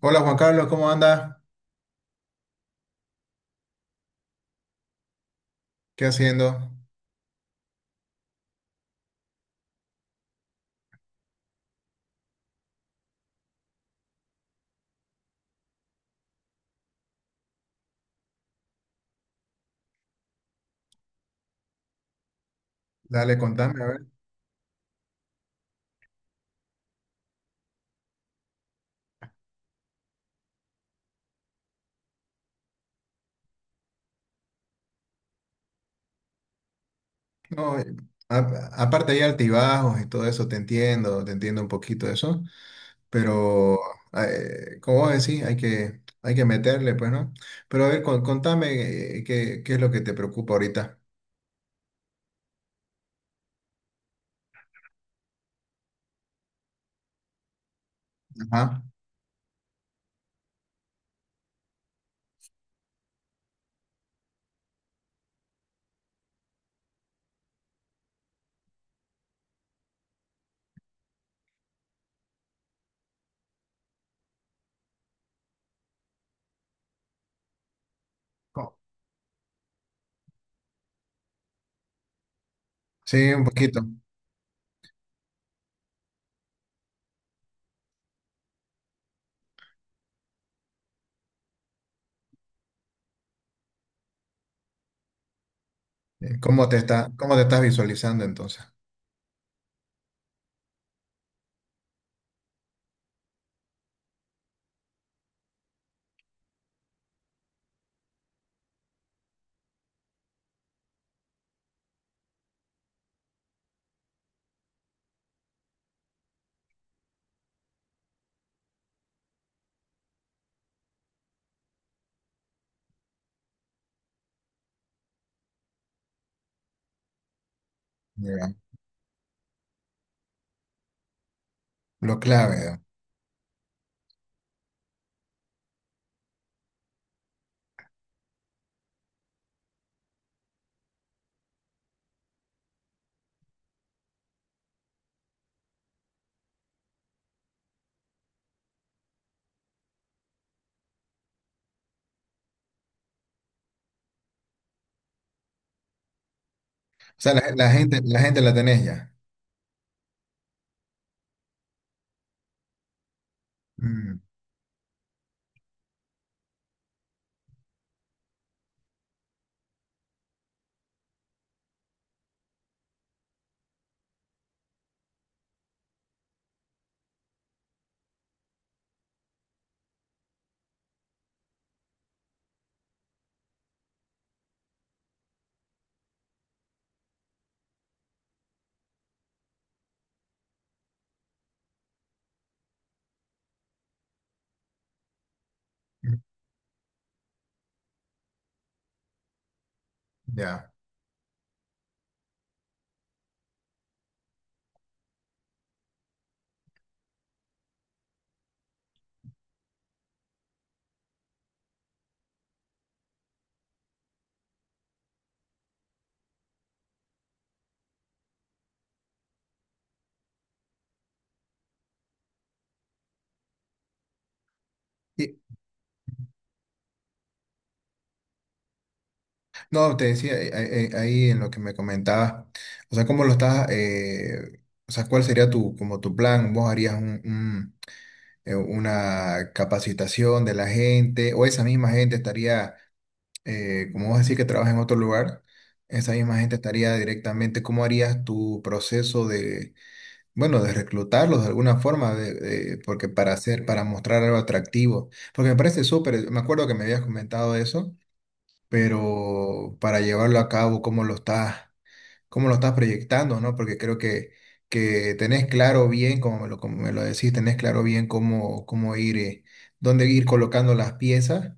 Hola Juan Carlos, ¿cómo anda? ¿Qué haciendo? Dale, contame, a ver. No, aparte hay altibajos y todo eso, te entiendo un poquito de eso, pero como vos decís, hay que meterle, pues, ¿no? Pero a ver, contame, qué es lo que te preocupa ahorita. Ajá. Co- Sí, un poquito. ¿Cómo te estás visualizando entonces? Ya, lo clave, ya. O sea, la gente la tenés ya. Mm, mm, ya. No, te decía ahí en lo que me comentabas, o sea, cómo lo estás, o sea, cuál sería tu, como tu plan, vos harías una capacitación de la gente, o esa misma gente estaría, como vos decís que trabaja en otro lugar, esa misma gente estaría directamente, ¿cómo harías tu proceso de, bueno, de reclutarlos de alguna forma, porque para hacer, para mostrar algo atractivo, porque me parece súper, me acuerdo que me habías comentado eso, pero para llevarlo a cabo, cómo lo estás proyectando, ¿no? Porque creo que tenés claro bien, como me lo decís, tenés claro bien cómo ir, dónde ir colocando las piezas,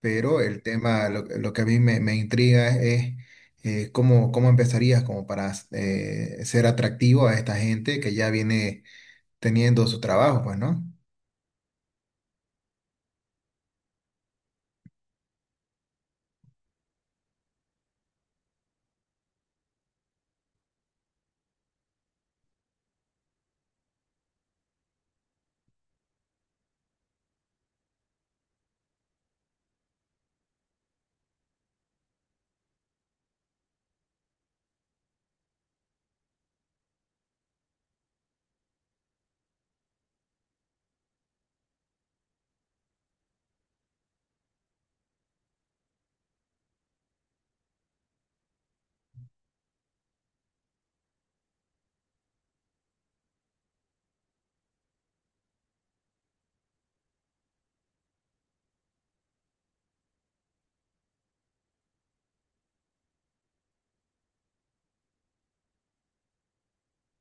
pero el tema, lo que a mí me intriga es, cómo empezarías como para ser atractivo a esta gente que ya viene teniendo su trabajo, pues, ¿no?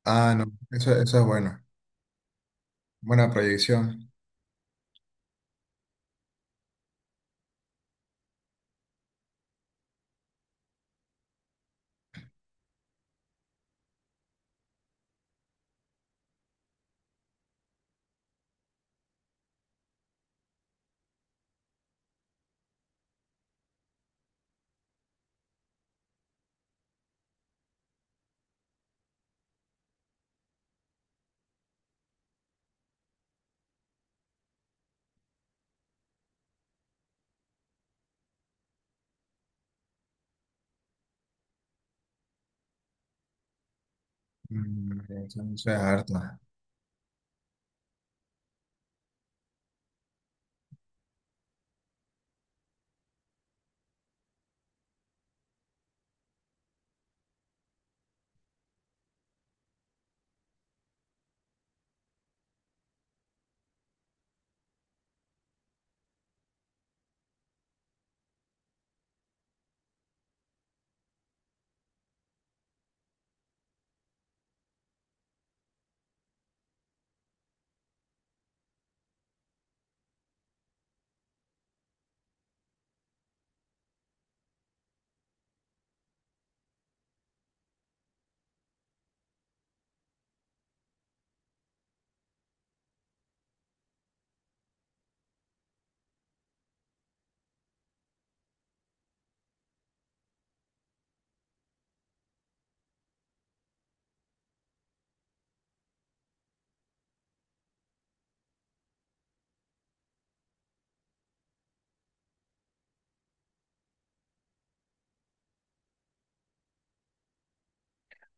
Ah, no, eso es bueno, buena proyección. Mm, eso es harto.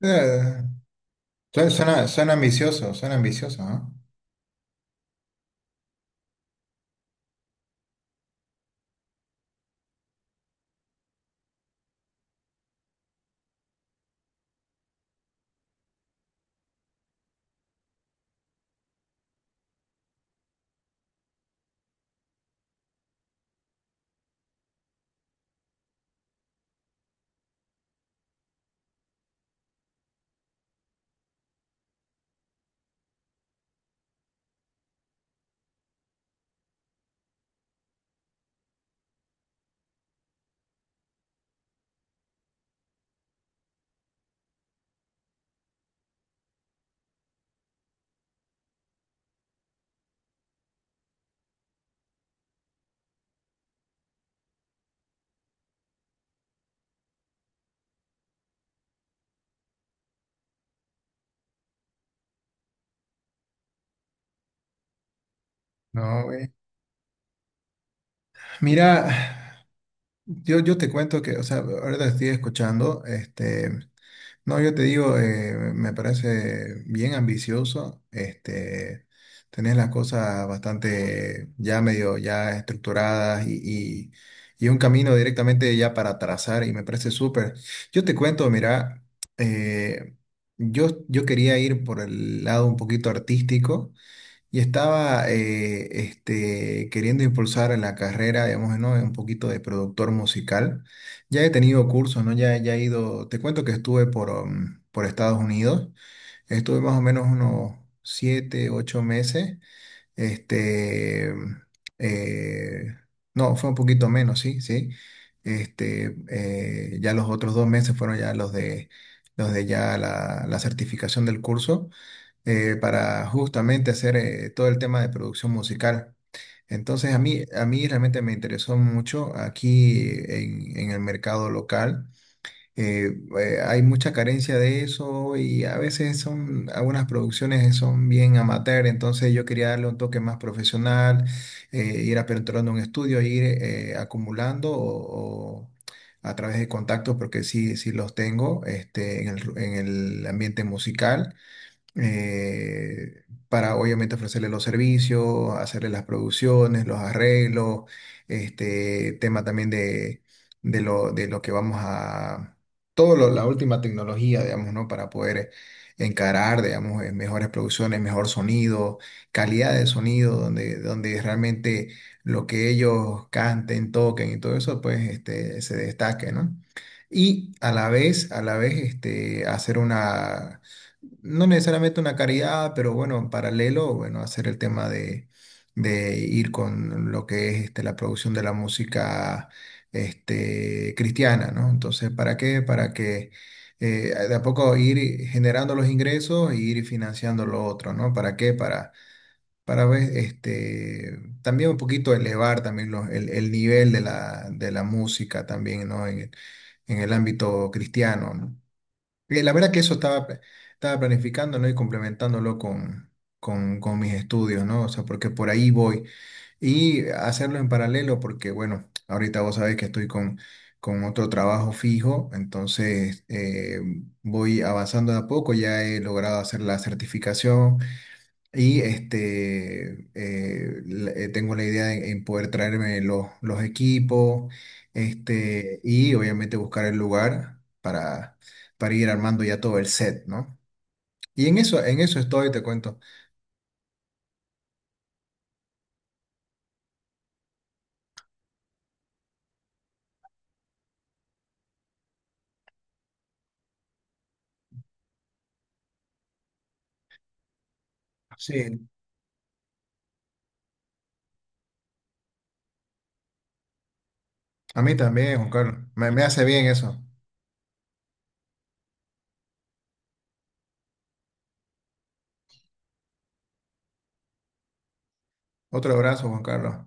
Eh, suena ambicioso, suena ambicioso, ¿no? No, güey. Mira, yo te cuento que, o sea, ahora te estoy escuchando, no, yo te digo, me parece bien ambicioso, tenés las cosas bastante ya medio, ya estructuradas y, y, y un camino directamente ya para trazar y me parece súper. Yo te cuento, mira, eh, yo quería ir por el lado un poquito artístico. Y estaba queriendo impulsar en la carrera, digamos, ¿no? Un poquito de productor musical. Ya he tenido cursos, ¿no? Ya, ya he ido, te cuento que estuve por, por Estados Unidos, estuve más o menos unos 7, 8 meses, este, um, eh, no, fue un poquito menos, sí, sí. Ya los otros 2 meses fueron ya los de ya la certificación del curso, para justamente hacer todo el tema de producción musical. Entonces a mí realmente me interesó mucho aquí, en el mercado local. Eh, hay mucha carencia de eso y a veces son, algunas producciones son bien amateur, entonces yo quería darle un toque más profesional, ir aperturando un estudio, ir acumulando o a través de contactos, porque sí, sí los tengo, en el ambiente musical, para obviamente ofrecerle los servicios, hacerle las producciones, los arreglos, este tema también de, de lo que vamos a, la última tecnología, digamos, ¿no? Para poder encarar, digamos, mejores producciones, mejor sonido, calidad de sonido, donde realmente lo que ellos canten, toquen y todo eso, pues, se destaque, ¿no? Y a la vez, hacer una, no necesariamente una caridad, pero bueno, en paralelo, bueno, hacer el tema de ir con lo que es la producción de la música, cristiana, ¿no? Entonces, ¿para qué? Para que de a poco ir generando los ingresos e ir financiando lo otro, ¿no? ¿Para qué? Para ver, también un poquito elevar también el nivel de la música también, ¿no? En el ámbito cristiano, ¿no? La verdad que eso estaba planificando, ¿no? Y complementándolo con mis estudios, ¿no? O sea, porque por ahí voy. Y hacerlo en paralelo, porque bueno, ahorita vos sabés que estoy con otro trabajo fijo, entonces voy avanzando de a poco, ya he logrado hacer la certificación y tengo la idea en poder traerme los equipos, y obviamente buscar el lugar para ir armando ya todo el set, ¿no? Y en eso estoy, te cuento. Sí, a mí también, Juan Carlos. Me hace bien eso. Otro abrazo, Juan Carlos.